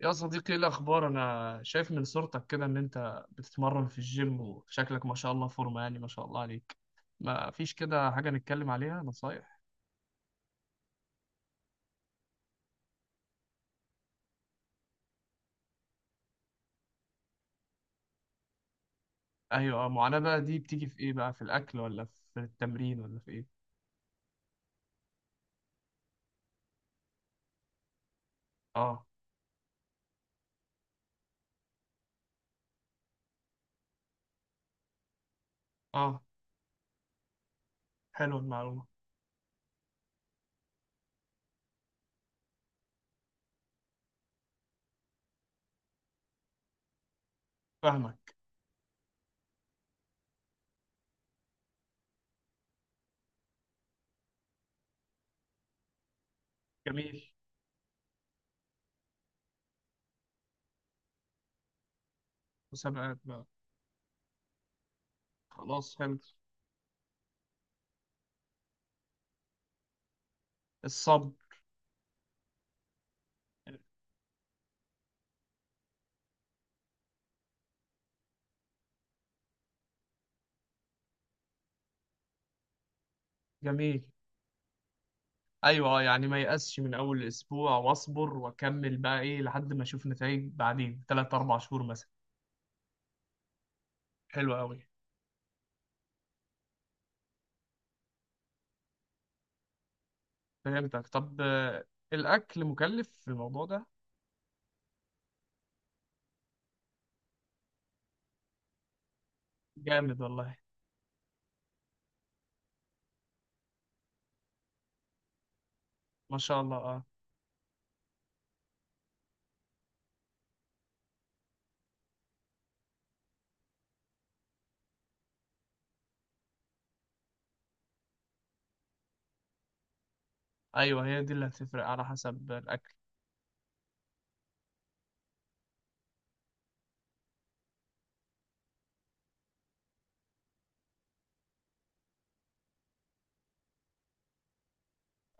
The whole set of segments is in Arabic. يا صديقي، ايه الاخبار؟ انا شايف من صورتك كده ان انت بتتمرن في الجيم، وشكلك ما شاء الله فورمه، يعني ما شاء الله عليك. ما فيش كده حاجه نتكلم عليها، نصايح؟ ايوه معاناه بقى دي بتيجي في ايه؟ بقى في الاكل ولا في التمرين ولا في ايه؟ اه. اه. حلو المعلومه. فاهمك. جميل. مسابقات بقى. خلاص حلو. الصبر. جميل. ايوه يعني ما يأسش من اول اسبوع، واصبر واكمل بقى ايه لحد ما اشوف نتائج بعدين، 3 4 شهور مثلا. حلو قوي. فهمتك. طب الأكل مكلف في الموضوع ده؟ جامد والله. ما شاء الله. اه. أيوه، هي دي اللي هتفرق على حسب الأكل.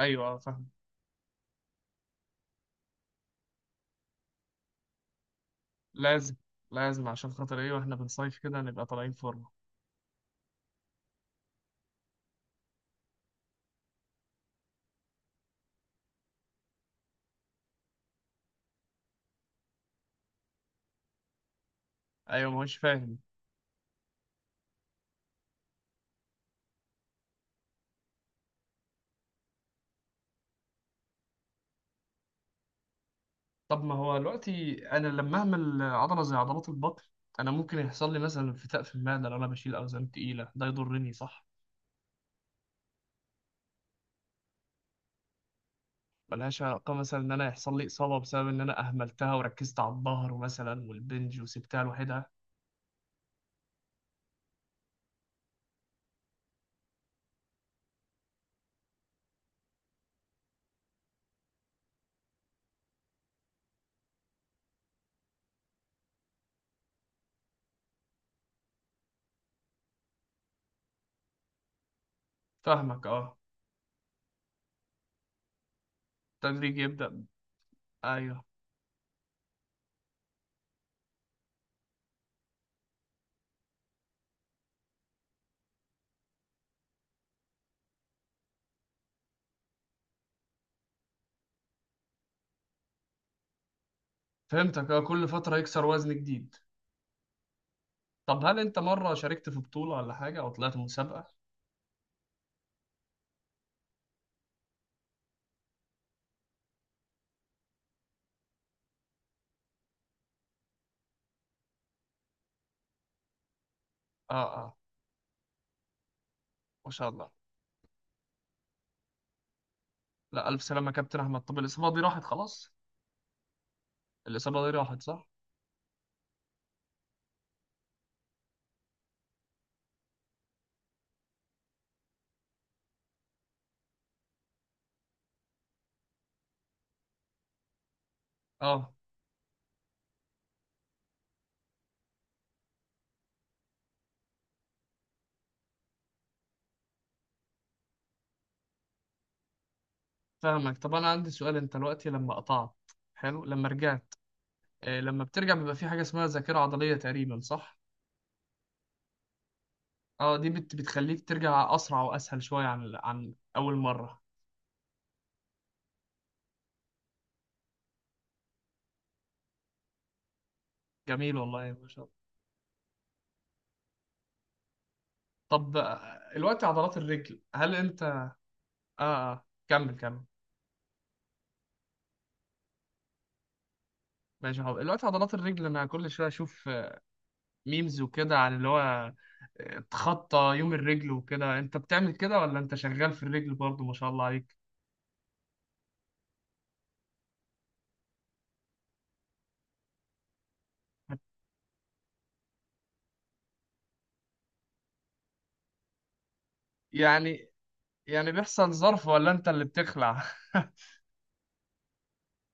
أيوه فاهم. لازم. لازم عشان خاطر إيه؟ وإحنا بنصيف كده نبقى طالعين فورمة. أيوه، ما هوش فاهم. طب ما هو دلوقتي أنا لما أعمل عضلة زي عضلات البطن، أنا ممكن يحصل لي مثلا انفتاق في المعدة لو أنا بشيل أوزان تقيلة، ده يضرني صح؟ ملهاش علاقة مثلا إن أنا يحصل لي إصابة بسبب إن أنا أهملتها وركزت على الظهر مثلا والبنج وسبتها لوحدها؟ فاهمك اه. التدريج يبدأ. ايوه. فهمتك اه، كل فترة يكسر وزن جديد. طب هل انت مرة شاركت في بطولة ولا حاجة، او طلعت مسابقة؟ اه. اه. ما شاء الله. لا، الف سلامة يا كابتن احمد. طب الاصابة دي راحت خلاص؟ الاصابة دي راحت صح؟ اه فاهمك. طب انا عندي سؤال، انت دلوقتي لما قطعت، حلو لما رجعت، آه لما بترجع بيبقى في حاجة اسمها ذاكرة عضلية تقريبا صح؟ اه، دي بتخليك ترجع اسرع واسهل شوية عن اول مرة. جميل والله، ما شاء الله. طب الوقت عضلات الرجل هل انت اه. اه كمل كمل. ماشي يا حب. الوقت عضلات الرجل، انا كل شويه اشوف ميمز وكده عن اللي هو تخطى يوم الرجل وكده. انت بتعمل كده ولا انت شغال في الرجل برضه؟ ما شاء الله عليك. يعني، يعني بيحصل ظرف ولا انت اللي بتخلع؟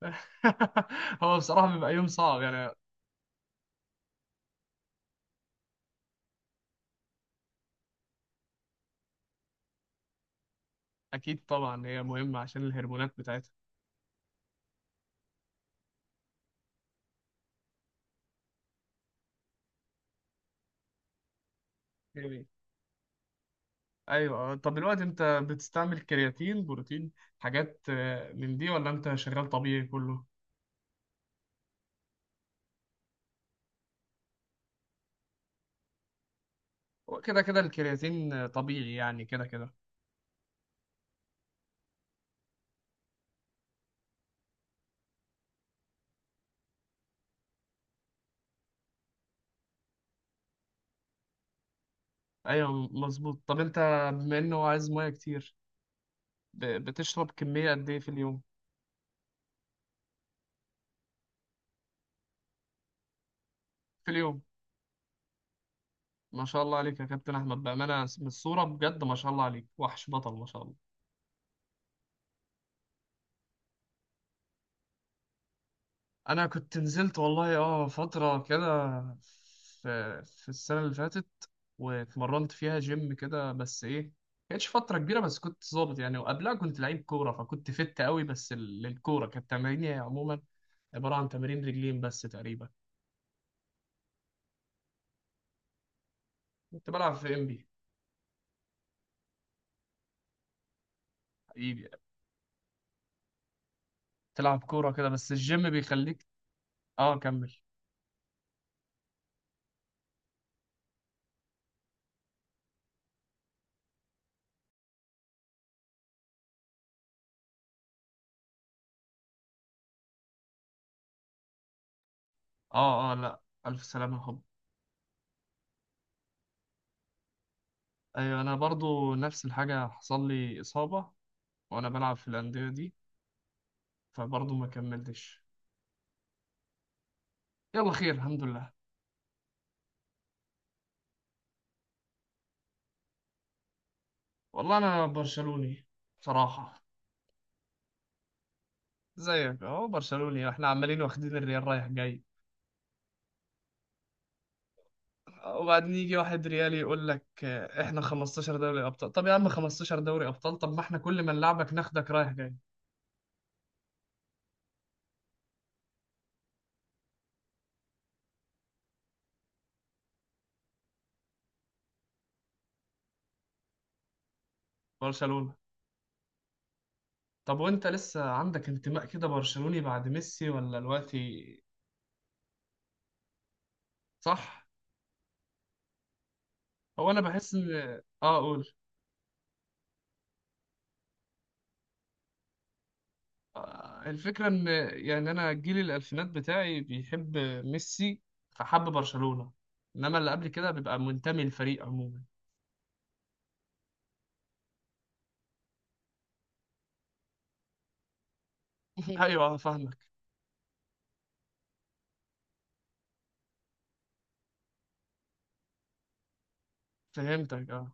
هو بصراحه بيبقى يوم صعب يعني. اكيد طبعا، هي مهمه عشان الهرمونات بتاعتها. جميل. ايوه، طب دلوقتي انت بتستعمل كرياتين، بروتين، حاجات من دي، ولا انت شغال طبيعي كله؟ هو كده كده الكرياتين طبيعي يعني كده كده. ايوه مظبوط. طب انت، بما انه هو عايز ميه كتير، بتشرب كميه قد ايه في اليوم؟ في اليوم. ما شاء الله عليك يا كابتن احمد، بامانه من الصوره بجد ما شاء الله عليك، وحش بطل ما شاء الله. انا كنت نزلت والله اه فتره كده، في السنه اللي فاتت، واتمرنت فيها جيم كده، بس ايه، كانتش فتره كبيره، بس كنت ظابط يعني. وقبلها كنت لعيب كوره فكنت فت قوي، بس للكوره كانت تماريني عموما عباره عن تمارين رجلين بس تقريبا. كنت بلعب في ام بي. تلعب كورة كده بس الجيم بيخليك. اه كمل. اه اه. لا ألف سلامة يا حب. أيوة أنا برضو نفس الحاجة، حصل لي إصابة وأنا بلعب في الأندية دي، فبرضو ما كملتش. يلا خير الحمد لله. والله أنا برشلوني بصراحة. زيك أهو برشلوني، احنا عمالين واخدين الريال رايح جاي، وبعدين يجي واحد ريالي يقول لك احنا 15 دوري أبطال. طب يا عم 15 دوري أبطال، طب ما احنا كل ما نلعبك ناخدك رايح جاي. برشلونة. طب وانت لسه عندك انتماء كده برشلوني بعد ميسي ولا دلوقتي؟ صح. هو انا بحس ان اه اقول الفكره ان، يعني انا جيل الالفينات بتاعي بيحب ميسي، فحب برشلونه. انما اللي قبل كده بيبقى منتمي للفريق عموما. ايوه فاهمك. فهمتك اه.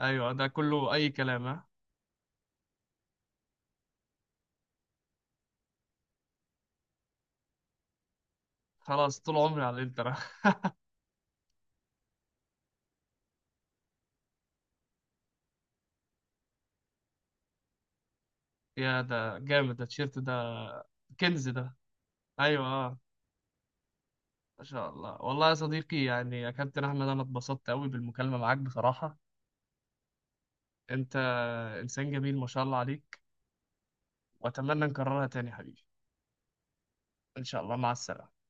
ايوه ده كله اي كلام، ها. خلاص طول عمري على الانتر. يا ده جامد ده، التيشيرت ده كنز ده. ايوه آه. ما شاء الله والله يا صديقي، يعني يا كابتن احمد، انا اتبسطت قوي بالمكالمة معاك بصراحة. انت انسان جميل ما شاء الله عليك، واتمنى نكررها تاني يا حبيبي. ان شاء الله، مع السلامة.